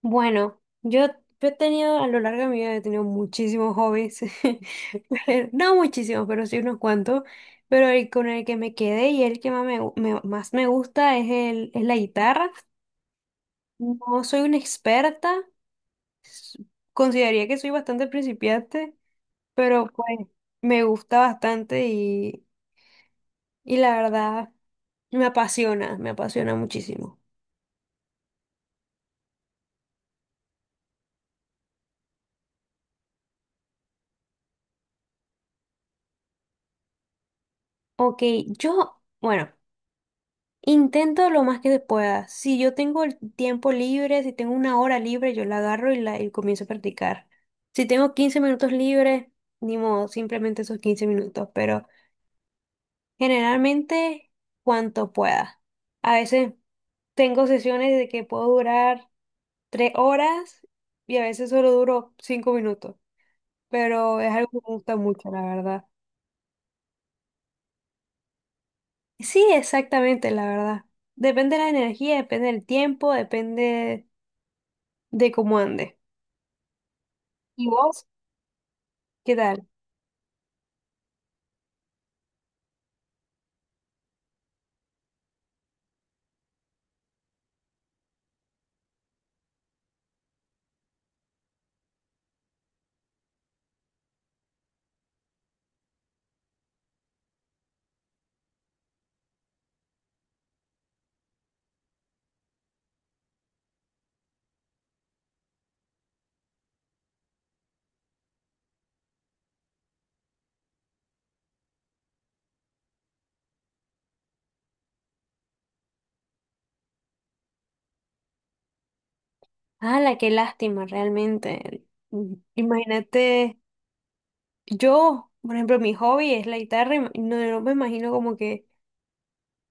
Bueno, yo he tenido, a lo largo de mi vida, he tenido muchísimos hobbies. No muchísimos, pero sí unos cuantos. Pero el con el que me quedé y el que más me gusta es la guitarra. No soy una experta, consideraría que soy bastante principiante, pero pues me gusta bastante y la verdad me apasiona muchísimo. Ok, yo, bueno. Intento lo más que se pueda. Si yo tengo el tiempo libre, si tengo una hora libre, yo la agarro y comienzo a practicar. Si tengo 15 minutos libres, ni modo, simplemente esos 15 minutos, pero generalmente cuanto pueda. A veces tengo sesiones de que puedo durar 3 horas y a veces solo duro 5 minutos, pero es algo que me gusta mucho, la verdad. Sí, exactamente, la verdad. Depende de la energía, depende del tiempo, depende de cómo ande. ¿Y vos? ¿Qué tal? La ¡Qué lástima, realmente! Imagínate, yo, por ejemplo, mi hobby es la guitarra y no, no me imagino como que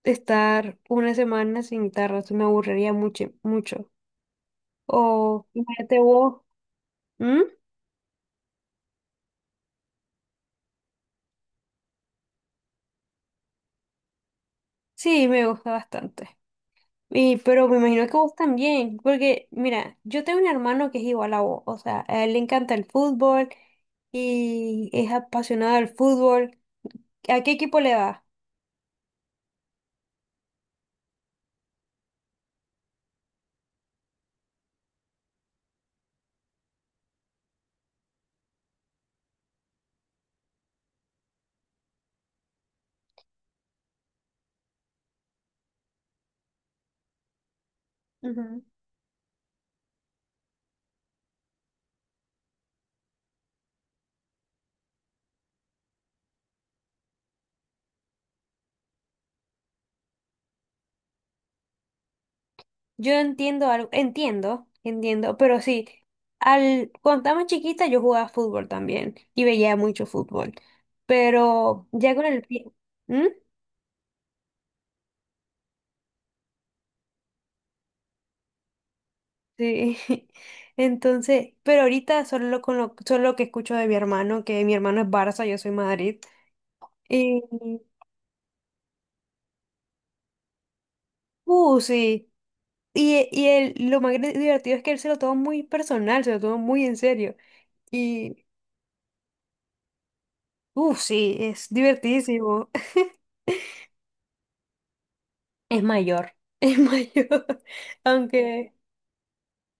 estar una semana sin guitarra, eso me aburriría mucho, mucho. O imagínate vos. ¿Mm? Sí, me gusta bastante. Y, pero me imagino que vos también, porque mira, yo tengo un hermano que es igual a vos, o sea, a él le encanta el fútbol y es apasionado del fútbol. ¿A qué equipo le vas? Ujú. Yo entiendo algo, entiendo, entiendo, pero sí, cuando estaba más chiquita yo jugaba fútbol también y veía mucho fútbol, pero ya con el tiempo... Sí. Entonces, pero ahorita solo con lo que escucho de mi hermano, que mi hermano es Barça, yo soy Madrid, y, sí, y él, lo más divertido es que él se lo toma muy personal, se lo toma muy en serio, y, sí, es divertidísimo. Es mayor, es mayor, aunque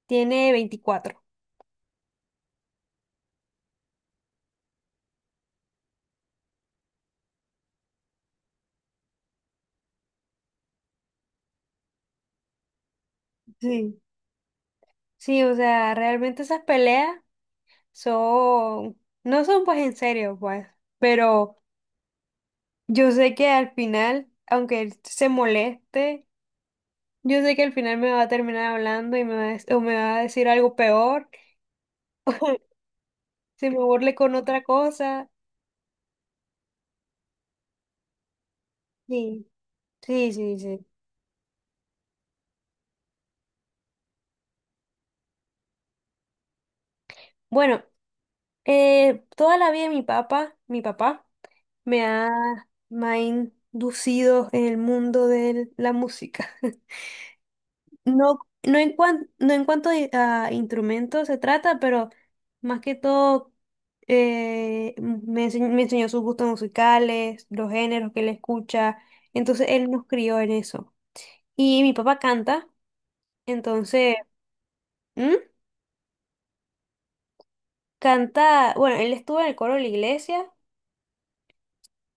tiene 24. Sí, sí, o sea, realmente esas peleas son, no son pues en serio, pues, pero yo sé que al final, aunque él se moleste, yo sé que al final me va a terminar hablando y me va a, dec- o me va a decir algo peor, se me burle con otra cosa. Sí, sí, sí, sí. Bueno, toda la vida mi papá me ha inducido en el mundo de la música. No, no en cuanto a instrumentos se trata, pero más que todo me me enseñó sus gustos musicales, los géneros que él escucha. Entonces él nos crió en eso. Y mi papá canta, entonces... ¿Mm? Canta, bueno, él estuvo en el coro de la iglesia,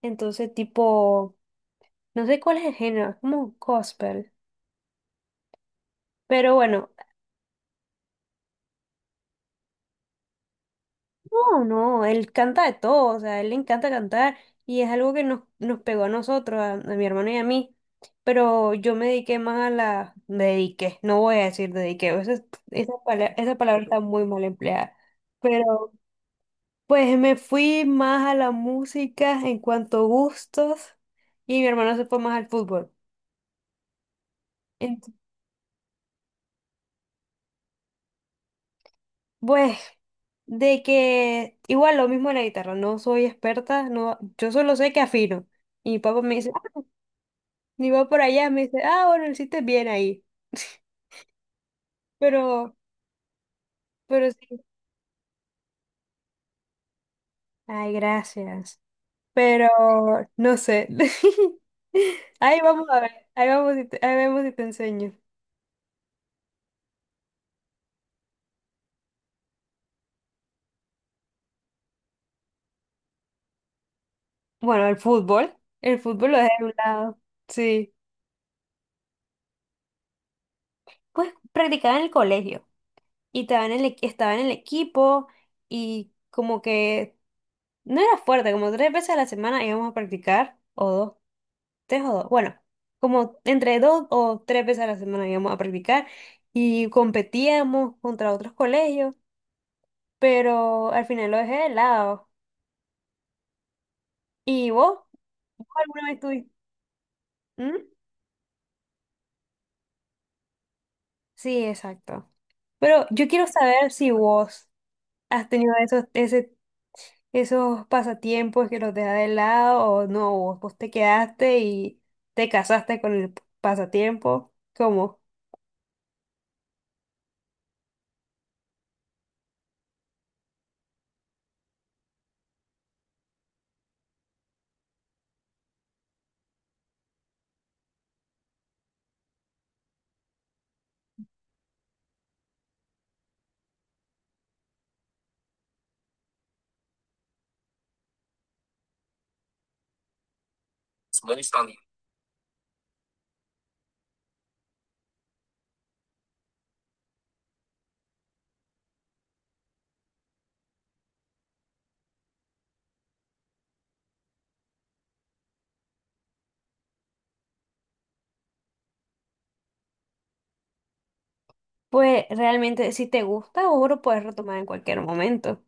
entonces tipo, no sé cuál es el género, es como gospel. Pero bueno... No, no, él canta de todo, o sea, a él le encanta cantar y es algo que nos pegó a nosotros, a mi hermano y a mí, pero yo me dediqué más a me dediqué, no voy a decir dediqué, esa palabra está muy mal empleada, pero pues me fui más a la música en cuanto a gustos y mi hermano se fue más al fútbol. Ent- pues de que igual lo mismo en la guitarra, no soy experta, no, yo solo sé que afino. Y mi papá me dice, ni va por allá, me dice, ah, bueno, lo hiciste bien ahí. Pero, pero sí. Ay, gracias. Pero no sé. Ahí vamos a ver. Ahí vamos y ahí vemos si te enseño. Bueno, el fútbol. El fútbol lo dejé de un lado. Sí. Pues practicaba en el colegio. Y estaba en el estaba en el equipo. Y como que no era fuerte, como 3 veces a la semana íbamos a practicar. O dos, tres o dos, bueno, como entre 2 o 3 veces a la semana íbamos a practicar y competíamos contra otros colegios, pero al final lo dejé de lado. ¿Y vos? ¿Vos alguna vez tuviste? ¿Mm? Sí, exacto. Pero yo quiero saber si vos has tenido esos, pasatiempos que los dejas de lado o no, vos te quedaste y te casaste con el pasatiempo. ¿Cómo? Pues realmente si te gusta, vos lo puedes retomar en cualquier momento.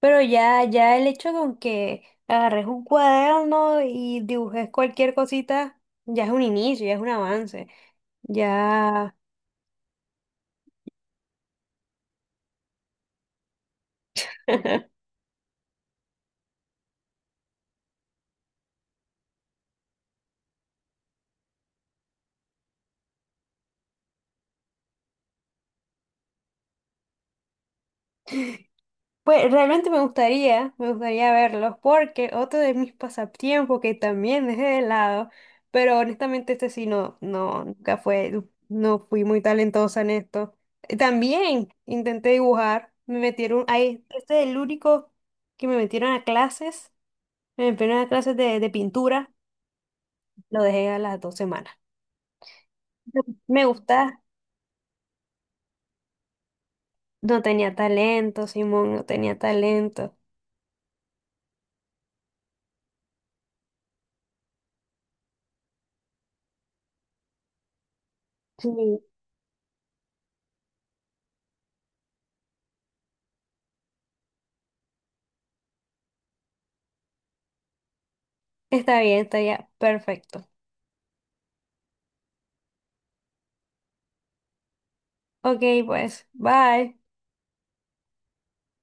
Pero ya el hecho con que agarres un cuaderno y dibujes cualquier cosita, ya es un inicio, ya es un avance. Ya. Pues realmente me gustaría verlos, porque otro de mis pasatiempos que también dejé de lado, pero honestamente este sí no, no, nunca fue, no fui muy talentosa en esto. También intenté dibujar, me metieron, ahí, este es el único que me metieron a clases, me metieron a clases de pintura. Lo dejé a las 2 semanas. Me gusta, no tenía talento, Simón, no tenía talento. Sí. Está bien, está ya perfecto. Ok, pues, bye.